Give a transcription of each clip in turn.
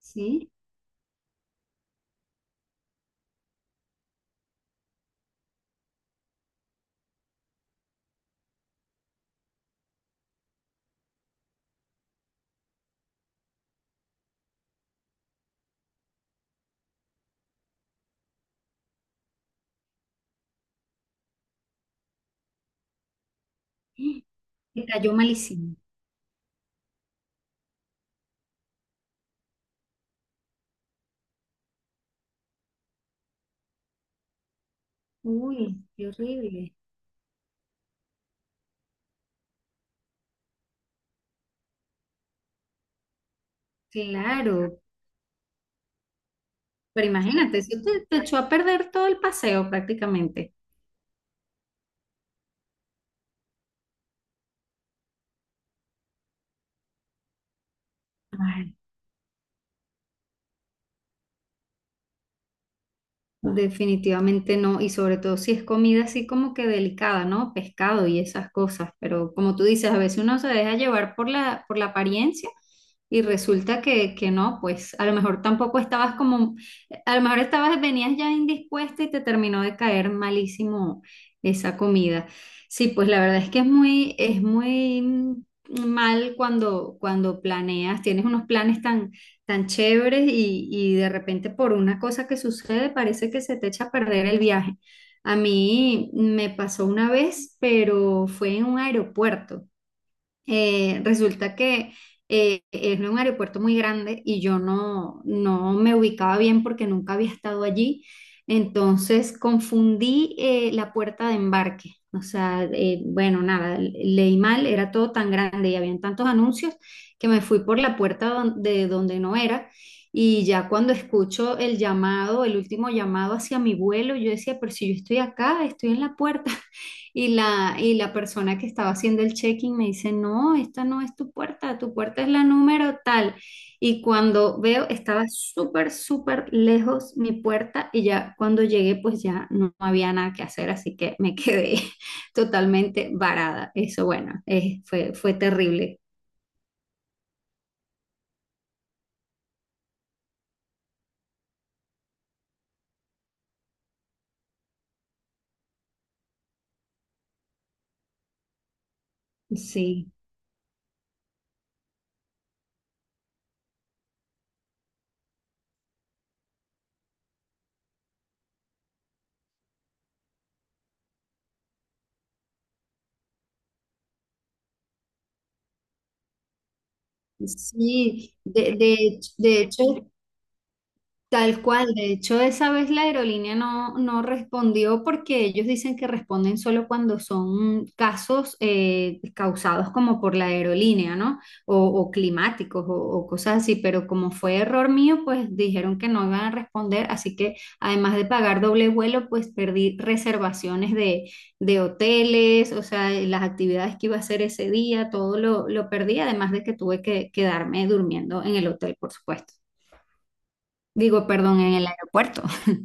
Sí, te cayó malísimo. Uy, qué horrible. Claro, pero imagínate, eso te echó a perder todo el paseo prácticamente. Ay, definitivamente no, y sobre todo si es comida así como que delicada, ¿no? Pescado y esas cosas, pero como tú dices, a veces uno se deja llevar por la apariencia y resulta que no, pues a lo mejor tampoco estabas como, a lo mejor estabas, venías ya indispuesta y te terminó de caer malísimo esa comida. Sí, pues la verdad es que es muy, es muy mal cuando planeas, tienes unos planes tan tan chéveres y de repente por una cosa que sucede parece que se te echa a perder el viaje. A mí me pasó una vez, pero fue en un aeropuerto. Resulta que es un aeropuerto muy grande y yo no me ubicaba bien porque nunca había estado allí. Entonces confundí la puerta de embarque. O sea, bueno, nada, leí mal, era todo tan grande y habían tantos anuncios que me fui por la puerta de donde no era. Y ya cuando escucho el llamado, el último llamado hacia mi vuelo, yo decía, pero si yo estoy acá, estoy en la puerta. Y la persona que estaba haciendo el check-in me dice, no, esta no es tu puerta es la número tal. Y cuando veo, estaba súper lejos mi puerta y ya cuando llegué, pues ya no había nada que hacer, así que me quedé totalmente varada. Eso, bueno, fue terrible. Sí, sí. Tal cual, de hecho, esa vez la aerolínea no respondió porque ellos dicen que responden solo cuando son casos causados como por la aerolínea, ¿no? O climáticos o cosas así, pero como fue error mío, pues dijeron que no iban a responder, así que además de pagar doble vuelo, pues perdí reservaciones de hoteles, o sea, las actividades que iba a hacer ese día, lo perdí, además de que tuve que quedarme durmiendo en el hotel, por supuesto. Digo, perdón, en el aeropuerto.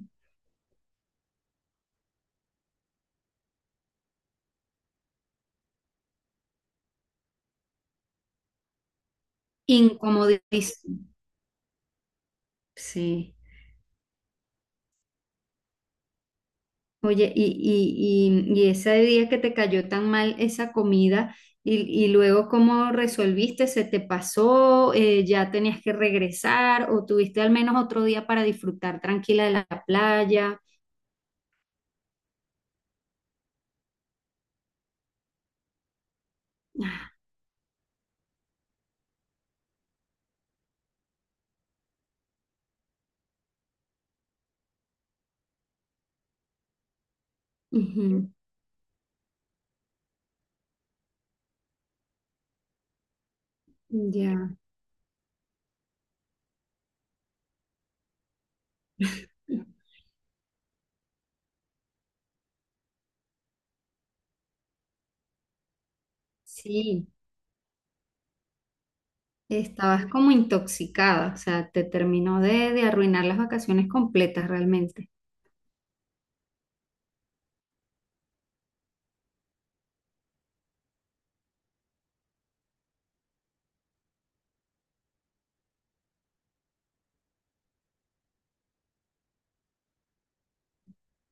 Incomodísimo. Sí. Oye, y ese día que te cayó tan mal esa comida, y, y luego cómo resolviste, ¿se te pasó? ¿Ya tenías que regresar? ¿O tuviste al menos otro día para disfrutar tranquila de la playa? Ujú, ya. Sí, estabas como intoxicada, o sea, te terminó de arruinar las vacaciones completas realmente.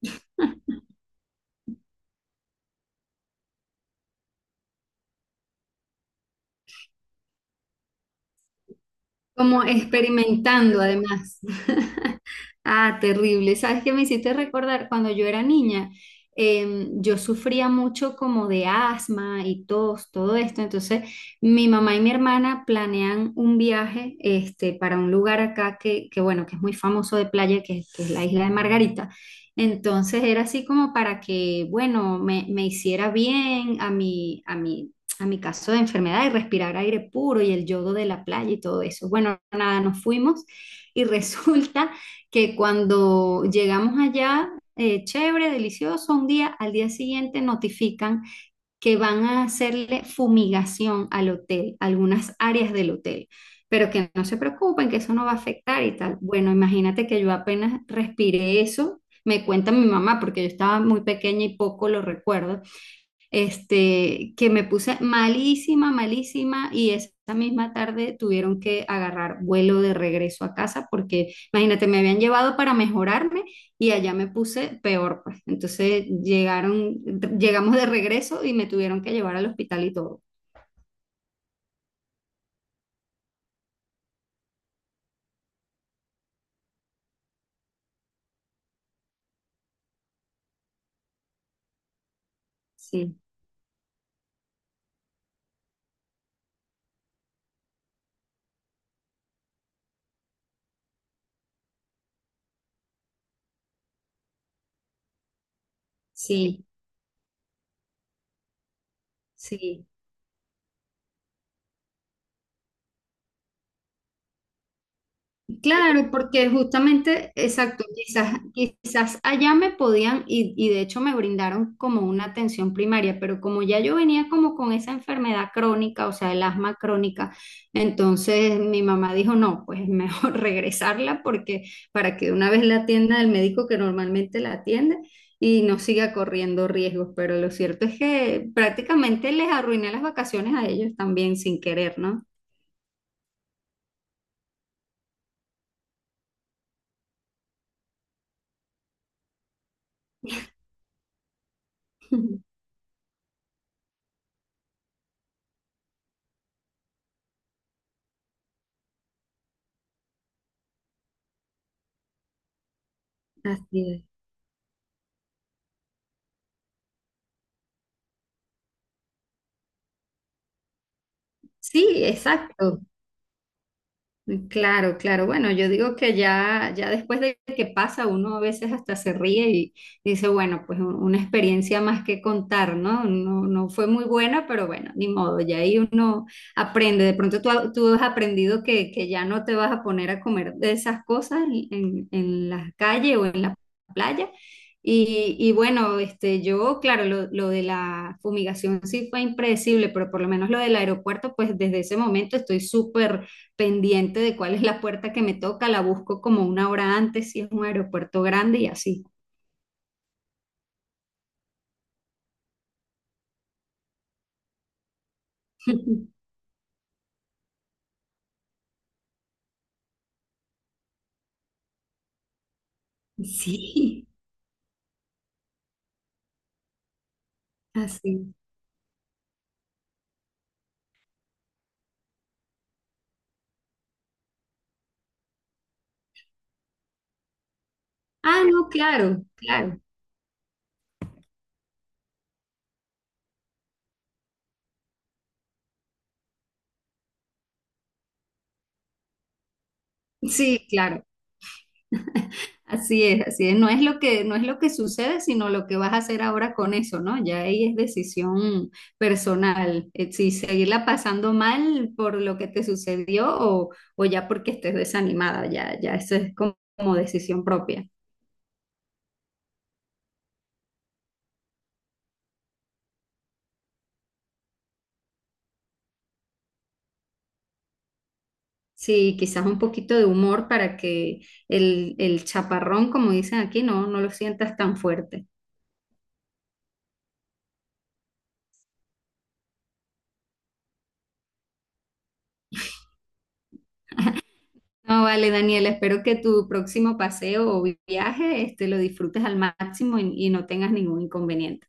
Como experimentando además. Ah, terrible. ¿Sabes qué me hiciste recordar? Cuando yo era niña, yo sufría mucho como de asma y tos, todo esto. Entonces, mi mamá y mi hermana planean un viaje este, para un lugar acá bueno, que es muy famoso de playa, es que es la Isla de Margarita. Entonces, era así como para que, bueno, me hiciera bien a mi caso de enfermedad y respirar aire puro y el yodo de la playa y todo eso. Bueno, nada, nos fuimos y resulta que cuando llegamos allá, chévere, delicioso, un día, al día siguiente notifican que van a hacerle fumigación al hotel, algunas áreas del hotel, pero que no se preocupen, que eso no va a afectar y tal. Bueno, imagínate que yo apenas respiré eso. Me cuenta mi mamá, porque yo estaba muy pequeña y poco lo recuerdo, este, que me puse malísima, malísima y esa misma tarde tuvieron que agarrar vuelo de regreso a casa porque, imagínate, me habían llevado para mejorarme y allá me puse peor, pues. Llegamos de regreso y me tuvieron que llevar al hospital y todo. Sí, sí, sí. Claro, porque justamente, exacto, quizás, quizás allá me podían y de hecho me brindaron como una atención primaria, pero como ya yo venía como con esa enfermedad crónica, o sea, el asma crónica, entonces mi mamá dijo, no, pues es mejor regresarla porque para que una vez la atienda el médico que normalmente la atiende y no siga corriendo riesgos, pero lo cierto es que prácticamente les arruiné las vacaciones a ellos también sin querer, ¿no? Así es. Sí, exacto. Claro, claro. Bueno, yo digo que ya después de que pasa, uno a veces hasta se ríe y dice, bueno, pues una experiencia más que contar, ¿no? No, no fue muy buena, pero bueno, ni modo, ya ahí uno aprende. De pronto tú has aprendido que ya no te vas a poner a comer de esas cosas en la calle o en la playa. Y bueno, este, yo, claro, lo de la fumigación sí fue impredecible, pero por lo menos lo del aeropuerto, pues desde ese momento estoy súper pendiente de cuál es la puerta que me toca, la busco como una hora antes si es un aeropuerto grande y así. Sí, así. Ah, no, claro, claro. Sí, claro. Así es, así es. No es lo no es lo que sucede, sino lo que vas a hacer ahora con eso, ¿no? Ya ahí es decisión personal. Si seguirla pasando mal por lo que te sucedió o ya porque estés desanimada, ya eso es como, como decisión propia. Sí, quizás un poquito de humor para que el chaparrón, como dicen aquí, no, no lo sientas tan fuerte. No, vale, Daniela, espero que tu próximo paseo o viaje, este, lo disfrutes al máximo y no tengas ningún inconveniente.